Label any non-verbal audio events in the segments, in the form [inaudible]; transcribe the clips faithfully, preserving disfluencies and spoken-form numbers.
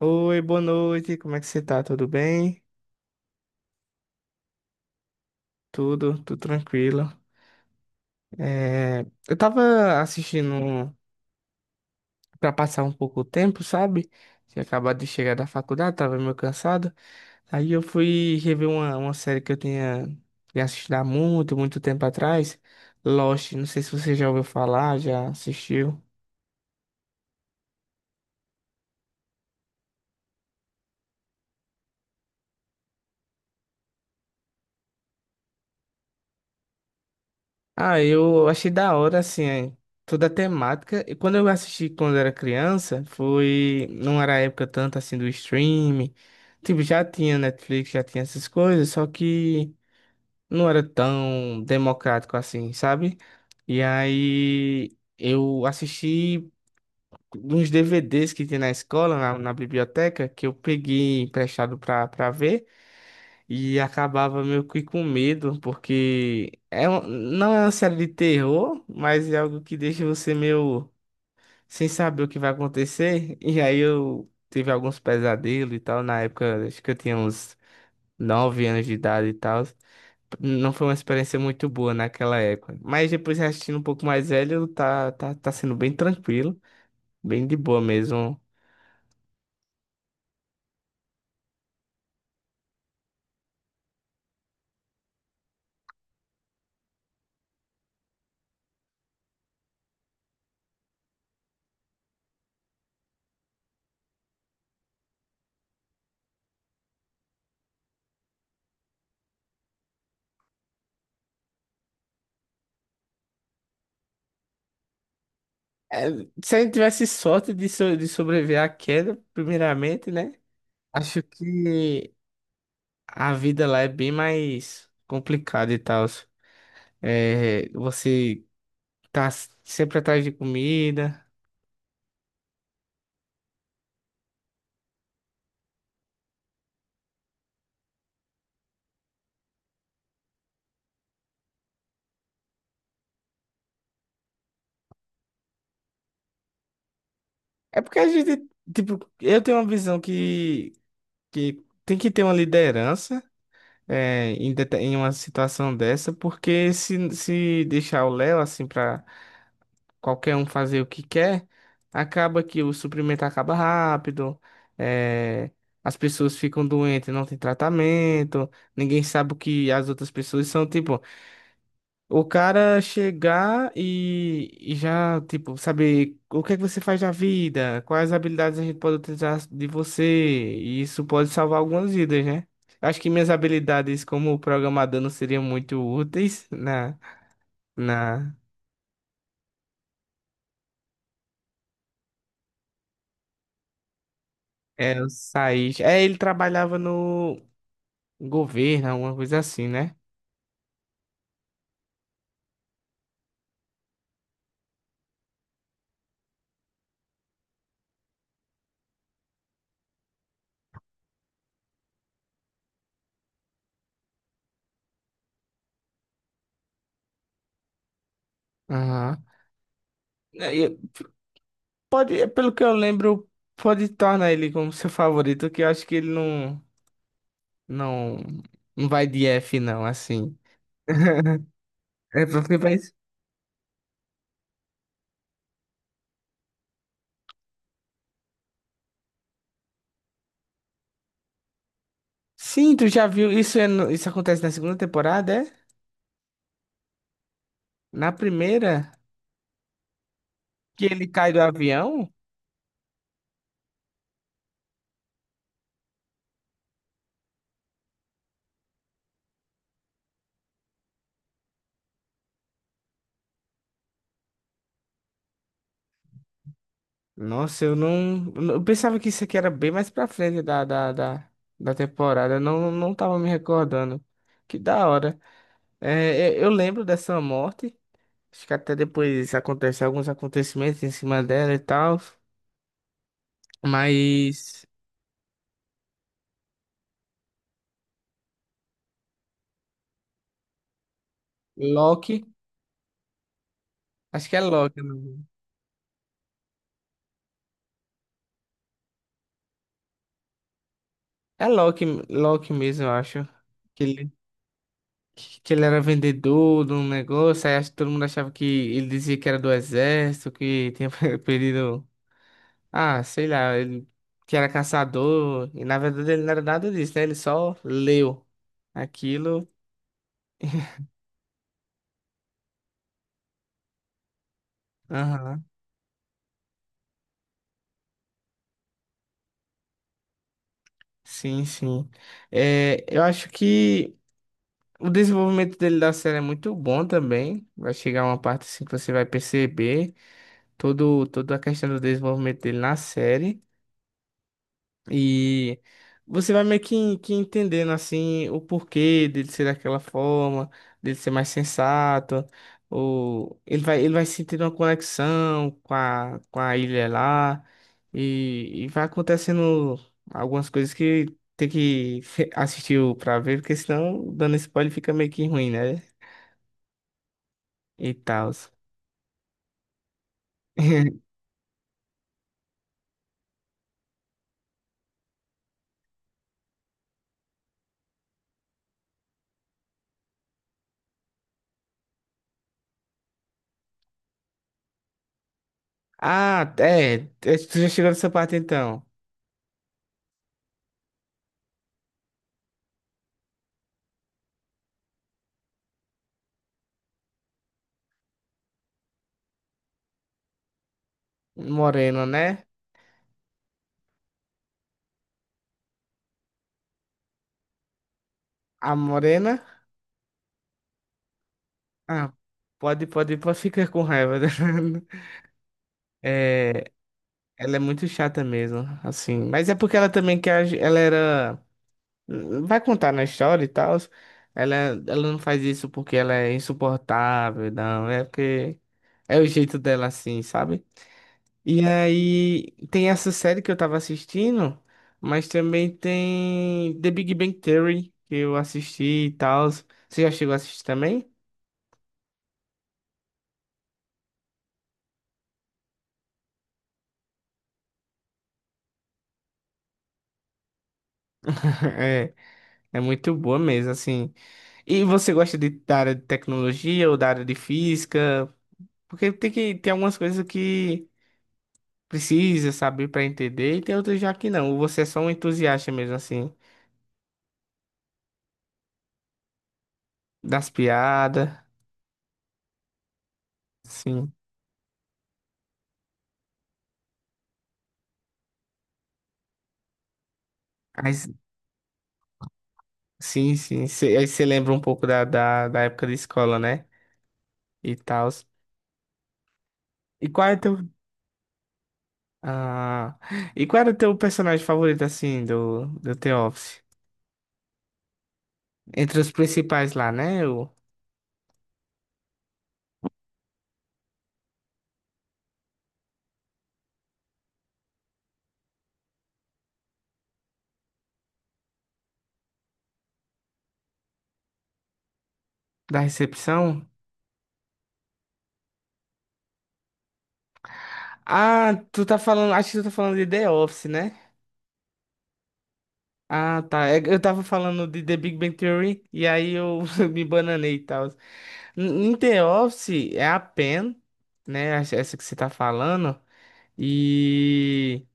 Oi, boa noite, como é que você tá? Tudo bem? Tudo, tudo tranquilo. É, eu tava assistindo pra passar um pouco o tempo, sabe? Tinha acabado de chegar da faculdade, tava meio cansado. Aí eu fui rever uma, uma série que eu tinha tinha assistido há muito, muito tempo atrás, Lost. Não sei se você já ouviu falar, já assistiu. Ah, eu achei da hora, assim, é, toda a temática. E quando eu assisti quando era criança, foi. Não era a época tanto assim do streaming. Tipo, já tinha Netflix, já tinha essas coisas, só que não era tão democrático assim, sabe? E aí eu assisti uns D V Ds que tinha na escola, na, na biblioteca, que eu peguei emprestado pra, pra ver. E acabava meio que com medo, porque é um- não é uma série de terror, mas é algo que deixa você meio sem saber o que vai acontecer. E aí eu tive alguns pesadelos e tal. Na época, acho que eu tinha uns nove anos de idade e tal. Não foi uma experiência muito boa naquela época. Mas depois assistindo um pouco mais velho, tá, tá, tá sendo bem tranquilo, bem de boa mesmo. É, se a gente tivesse sorte de, so- de sobreviver à queda, primeiramente, né? Acho que a vida lá é bem mais complicada e tal. É, você tá s- sempre atrás de comida. É porque a gente, tipo, eu tenho uma visão que, que tem que ter uma liderança é, em, dete- em uma situação dessa, porque se, se deixar o Léo assim pra qualquer um fazer o que quer, acaba que o suprimento acaba rápido, é, as pessoas ficam doentes, não tem tratamento, ninguém sabe o que as outras pessoas são, tipo. O cara chegar e, e já, tipo, saber o que é que você faz da vida, quais habilidades a gente pode utilizar de você, e isso pode salvar algumas vidas, né? Acho que minhas habilidades como programador não seriam muito úteis na, na, é, eu saí. É, ele trabalhava no governo, alguma coisa assim, né? Aham. É, e pode, pelo que eu lembro, pode tornar ele como seu favorito, que eu acho que ele não, não, não vai de F, não, assim. [laughs] É porque faz. Sim, tu já viu? Isso, é no- isso acontece na segunda temporada, é? Na primeira, que ele cai do avião? Nossa, eu não. Eu pensava que isso aqui era bem mais pra frente da, da, da, da temporada. Eu não, não tava me recordando. Que da hora. É, eu eu lembro dessa morte. Acho que até depois acontece alguns acontecimentos em cima dela e tal. Mas. Loki. Acho que é Loki. O é Loki, Loki mesmo, eu acho. Que ele era vendedor de um negócio, aí acho que todo mundo achava que ele dizia que era do exército, que tinha [laughs] perdido, ah, sei lá, ele que era caçador, e na verdade ele não era nada disso, né? Ele só leu aquilo. Aham. Sim, sim. É, eu acho que o desenvolvimento dele da série é muito bom também. Vai chegar uma parte assim que você vai perceber todo, toda a questão do desenvolvimento dele na série. E você vai meio que, que entendendo assim o porquê dele ser daquela forma, dele ser mais sensato, ou ele vai, ele vai sentindo uma conexão com a, com a ilha lá, e, e vai acontecendo algumas coisas que tem que [laughs] assistir o- pra ver, porque senão dando spoiler fica meio que ruim, né? E tal. [laughs] Ah, é, é, tu já chegou nessa parte então. Morena, né? A Morena. Ah, pode, pode, pode ficar com raiva dela. [laughs] É, ela é muito chata mesmo, assim. Mas é porque ela também quer, agi- ela era, hum, vai contar na história e tal. Ela, ela não faz isso porque ela é insuportável, não. É porque é o jeito dela, assim, sabe? E aí tem essa série que eu tava assistindo, mas também tem The Big Bang Theory que eu assisti e tal. Você já chegou a assistir também? [laughs] É, é muito boa mesmo, assim. E você gosta de, da área de tecnologia ou da área de física? Porque tem que tem algumas coisas que precisa saber para entender e tem outras já que não. Ou você é só um entusiasta mesmo assim das piadas, sim. Aí, s- sim, sim. Cê- aí você lembra um pouco da, da, da época de escola, né? E tal. E qual é teu ah, e qual era o teu personagem favorito assim do do The Office? Entre os principais lá, né? O da recepção. Ah, tu tá falando, acho que tu tá falando de The Office, né? Ah, tá. É que eu tava falando de The Big Bang Theory e aí eu [laughs] me bananei e tal. Em The Office é a Pen, né? Essa essa que você tá falando. E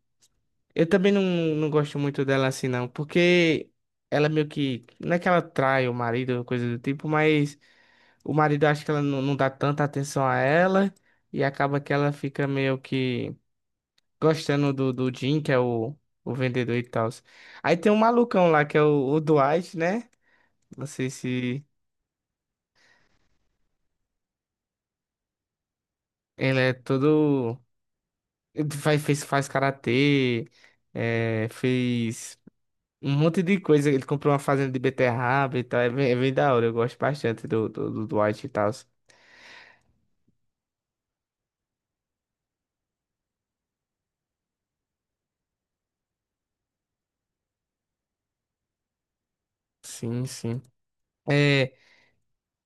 eu também não, não gosto muito dela assim, não. Porque ela meio que. Não é que ela trai o marido, coisa do tipo, mas o marido acha que ela não, não dá tanta atenção a ela. E acaba que ela fica meio que gostando do, do Jim, que é o, o vendedor e tal. Aí tem um malucão lá, que é o, o Dwight, né? Não sei se ele é todo. ele Faz, fez, faz karatê, é, fez um monte de coisa. Ele comprou uma fazenda de beterraba e tal. É bem, é bem da hora, eu gosto bastante do, do, do Dwight e tal. Sim, sim. É,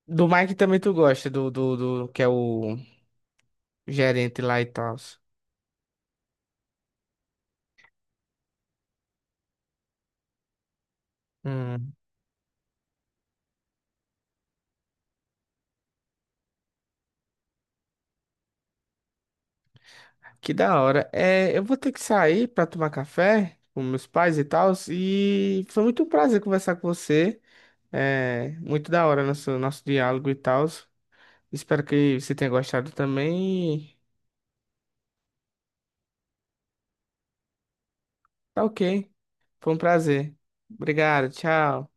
do Mike também tu gosta, do, do, do que é o gerente lá e tal. Que da hora. É, eu vou ter que sair para tomar café com meus pais e tal. E foi muito um prazer conversar com você. É, muito da hora nosso, nosso diálogo e tal. Espero que você tenha gostado também. Tá ok. Foi um prazer. Obrigado, tchau.